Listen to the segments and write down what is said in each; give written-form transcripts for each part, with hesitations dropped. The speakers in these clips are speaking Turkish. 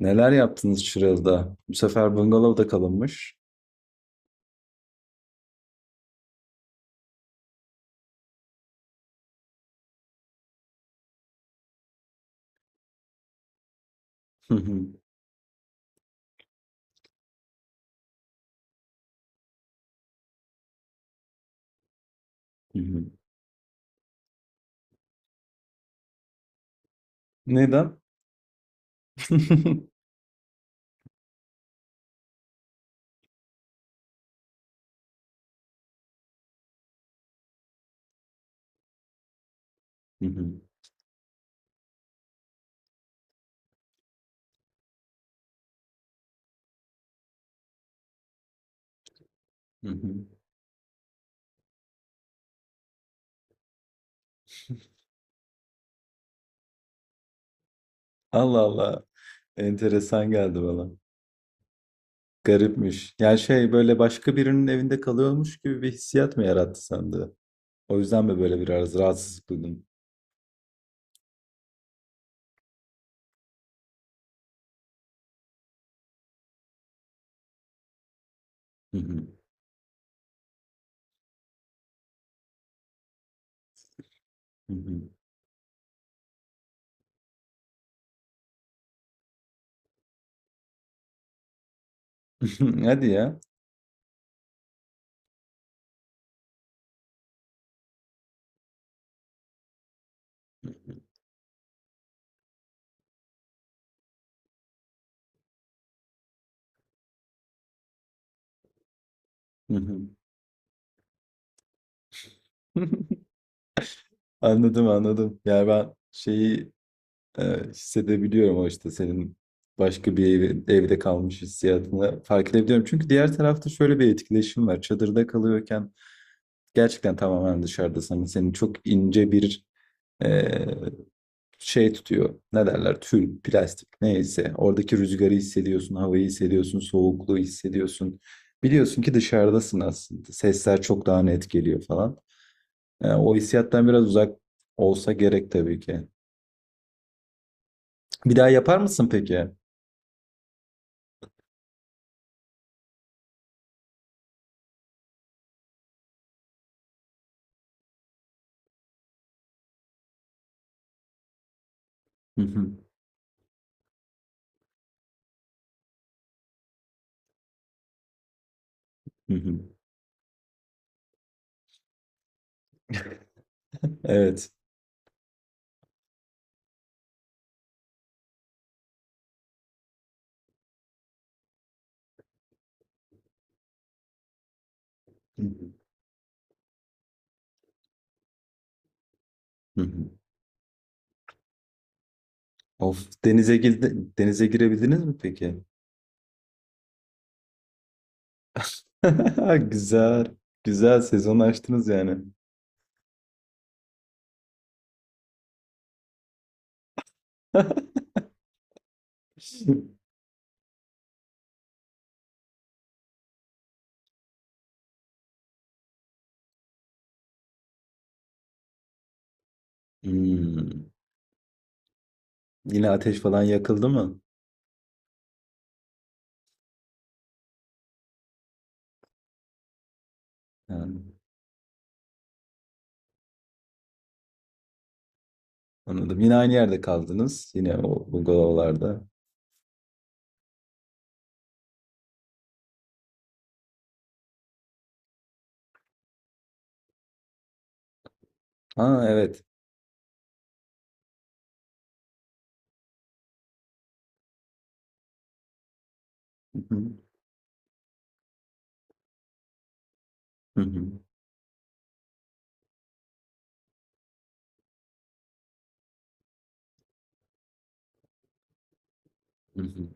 Neler yaptınız Şırıl'da? Bu sefer bungalovda kalınmış. Hı hı, hı hı. Neden? Hı hı, hı hı. Allah Allah. Enteresan geldi bana. Garipmiş. Yani şey böyle başka birinin evinde kalıyormuş gibi bir hissiyat mı yarattı sende? O yüzden mi böyle biraz rahatsızlık duydun? Hı hı, hı hı. Hadi ya. Hı hı, hı hı. Anladım anladım. Yani ben şeyi. Evet, hissedebiliyorum o işte senin başka bir evde kalmış hissiyatını fark edebiliyorum. Çünkü diğer tarafta şöyle bir etkileşim var. Çadırda kalıyorken gerçekten tamamen dışarıdasın. Hani seni çok ince bir e, şey tutuyor. Ne derler? Tül, plastik neyse. Oradaki rüzgarı hissediyorsun, havayı hissediyorsun, soğukluğu hissediyorsun. Biliyorsun ki dışarıdasın aslında. Sesler çok daha net geliyor falan. O hissiyattan biraz uzak olsa gerek tabii ki. Bir daha yapar mısın peki? Hı hı. Hı hı. Evet. Hı hı. Hı hı. Of denize girdi, denize girebildiniz mi peki? Güzel. Güzel sezon açtınız yani. Hmm. Yine ateş falan yakıldı mı? Yani, anladım. Yine aynı yerde kaldınız. Yine o bungalovlarda. Ha evet. Hı hı. Hı hı. Hı hı.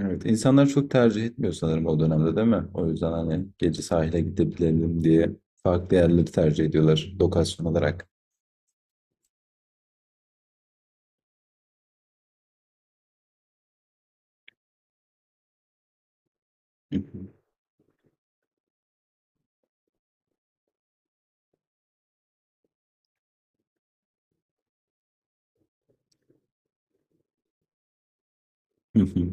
Evet, insanlar çok tercih etmiyor sanırım o dönemde değil mi? O yüzden hani gece sahile gidebilelim diye farklı yerleri tercih ediyorlar lokasyon olarak. Hı hı. Hı hı.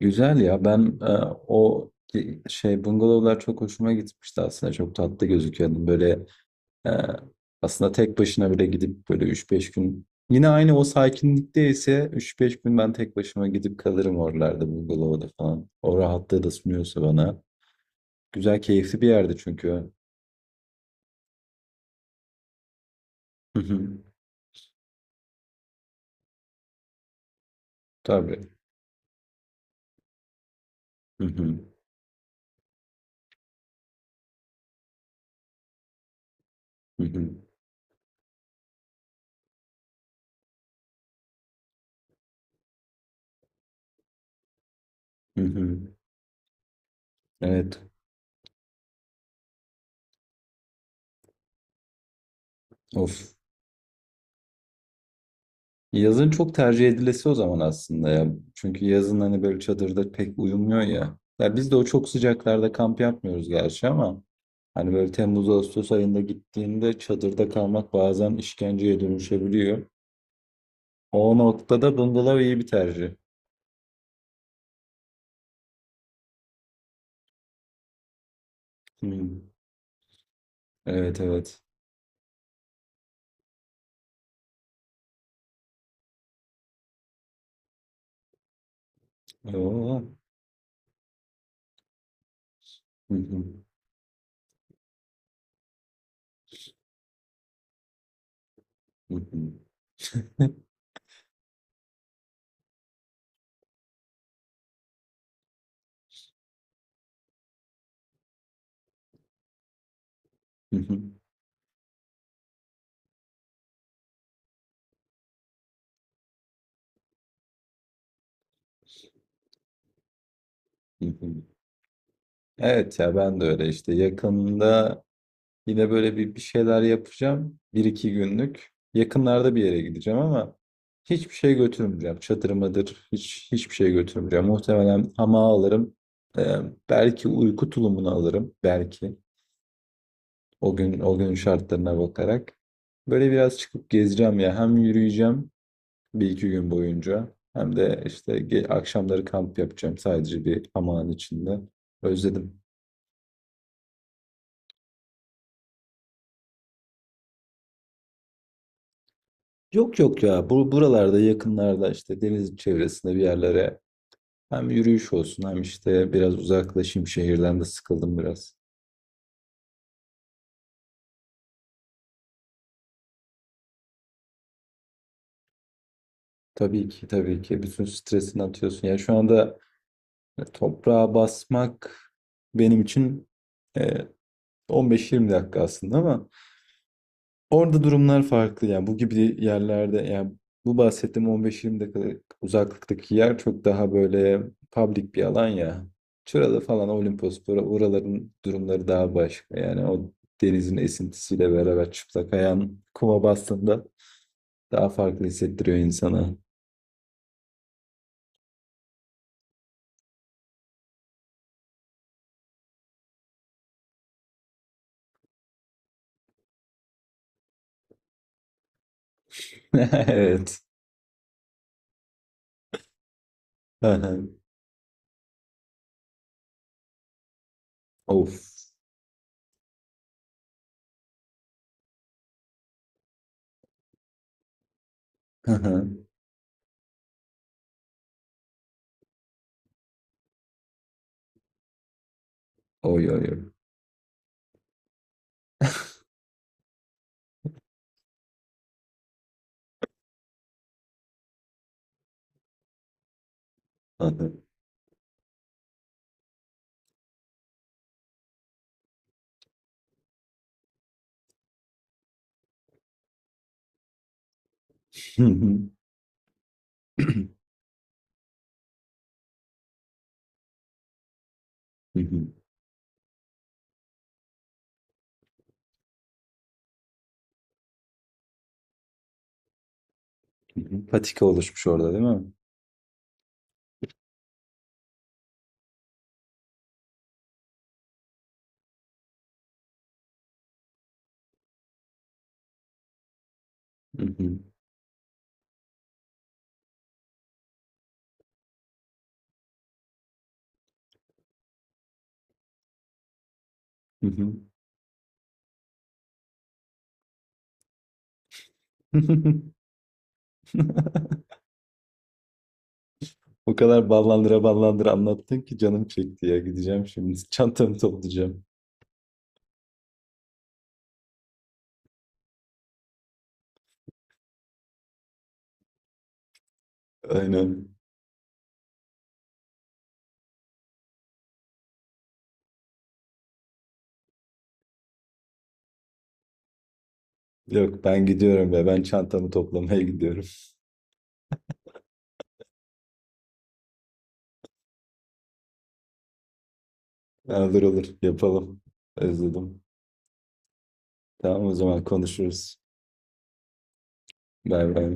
Güzel ya ben o şey bungalovlar çok hoşuma gitmişti aslında çok tatlı gözüküyordu böyle e, aslında tek başına bile gidip böyle üç beş gün yine aynı o sakinlikte ise 3-5 gün ben tek başıma gidip kalırım oralarda bungalovda falan o rahatlığı da sunuyorsa bana güzel keyifli bir yerdi çünkü Hı hı. Tabii. Hı hı. Hı hı. Hı hı. Evet. Of. Yazın çok tercih edilesi o zaman aslında ya. Çünkü yazın hani böyle çadırda pek uyumuyor ya. Ya biz de o çok sıcaklarda kamp yapmıyoruz gerçi ama hani böyle Temmuz Ağustos ayında gittiğinde çadırda kalmak bazen işkenceye dönüşebiliyor. O noktada bungalov iyi bir tercih. Hmm. Evet evet. Oo. Hı hı. Hı hı. Hı hı. Hı hı. Evet ya ben de öyle işte yakında. Yine böyle bir şeyler yapacağım. Bir iki günlük. Yakınlarda bir yere gideceğim ama hiçbir şey götürmeyeceğim. Çadır mıdır? Hiçbir şey götürmeyeceğim. Muhtemelen hamağı alırım. Ee, belki uyku tulumunu alırım. Belki. O gün o günün şartlarına bakarak. Böyle biraz çıkıp gezeceğim ya. Hem yürüyeceğim bir iki gün boyunca. Hem de işte akşamları kamp yapacağım sadece bir hamağın içinde. Özledim. Yok yok ya. Bu buralarda yakınlarda işte deniz çevresinde bir yerlere. Hem yürüyüş olsun hem işte biraz uzaklaşayım şehirden de sıkıldım biraz. Tabii ki tabii ki bütün stresini atıyorsun. Ya şu anda toprağa basmak benim için e, 15-20 dakika aslında ama orada durumlar farklı. Yani bu gibi yerlerde yani bu bahsettiğim 15-20 dakikalık uzaklıktaki yer çok daha böyle public bir alan ya. Çıralı falan Olimpos oraların durumları daha başka. Yani o denizin esintisiyle beraber çıplak ayağın kuma bastığında daha farklı hissettiriyor insana. Evet. Aha. Of. Aha. Oy oy oy. Aha. Patika oluşmuş orada değil mi? O kadar ballandıra ballandıra anlattın ki canım çekti ya. Gideceğim şimdi. Çantamı toplayacağım. Aynen. Yok ben gidiyorum ve ben çantamı toplamaya gidiyorum. Olur olur yapalım. Özledim. Tamam o zaman konuşuruz. Bay bay.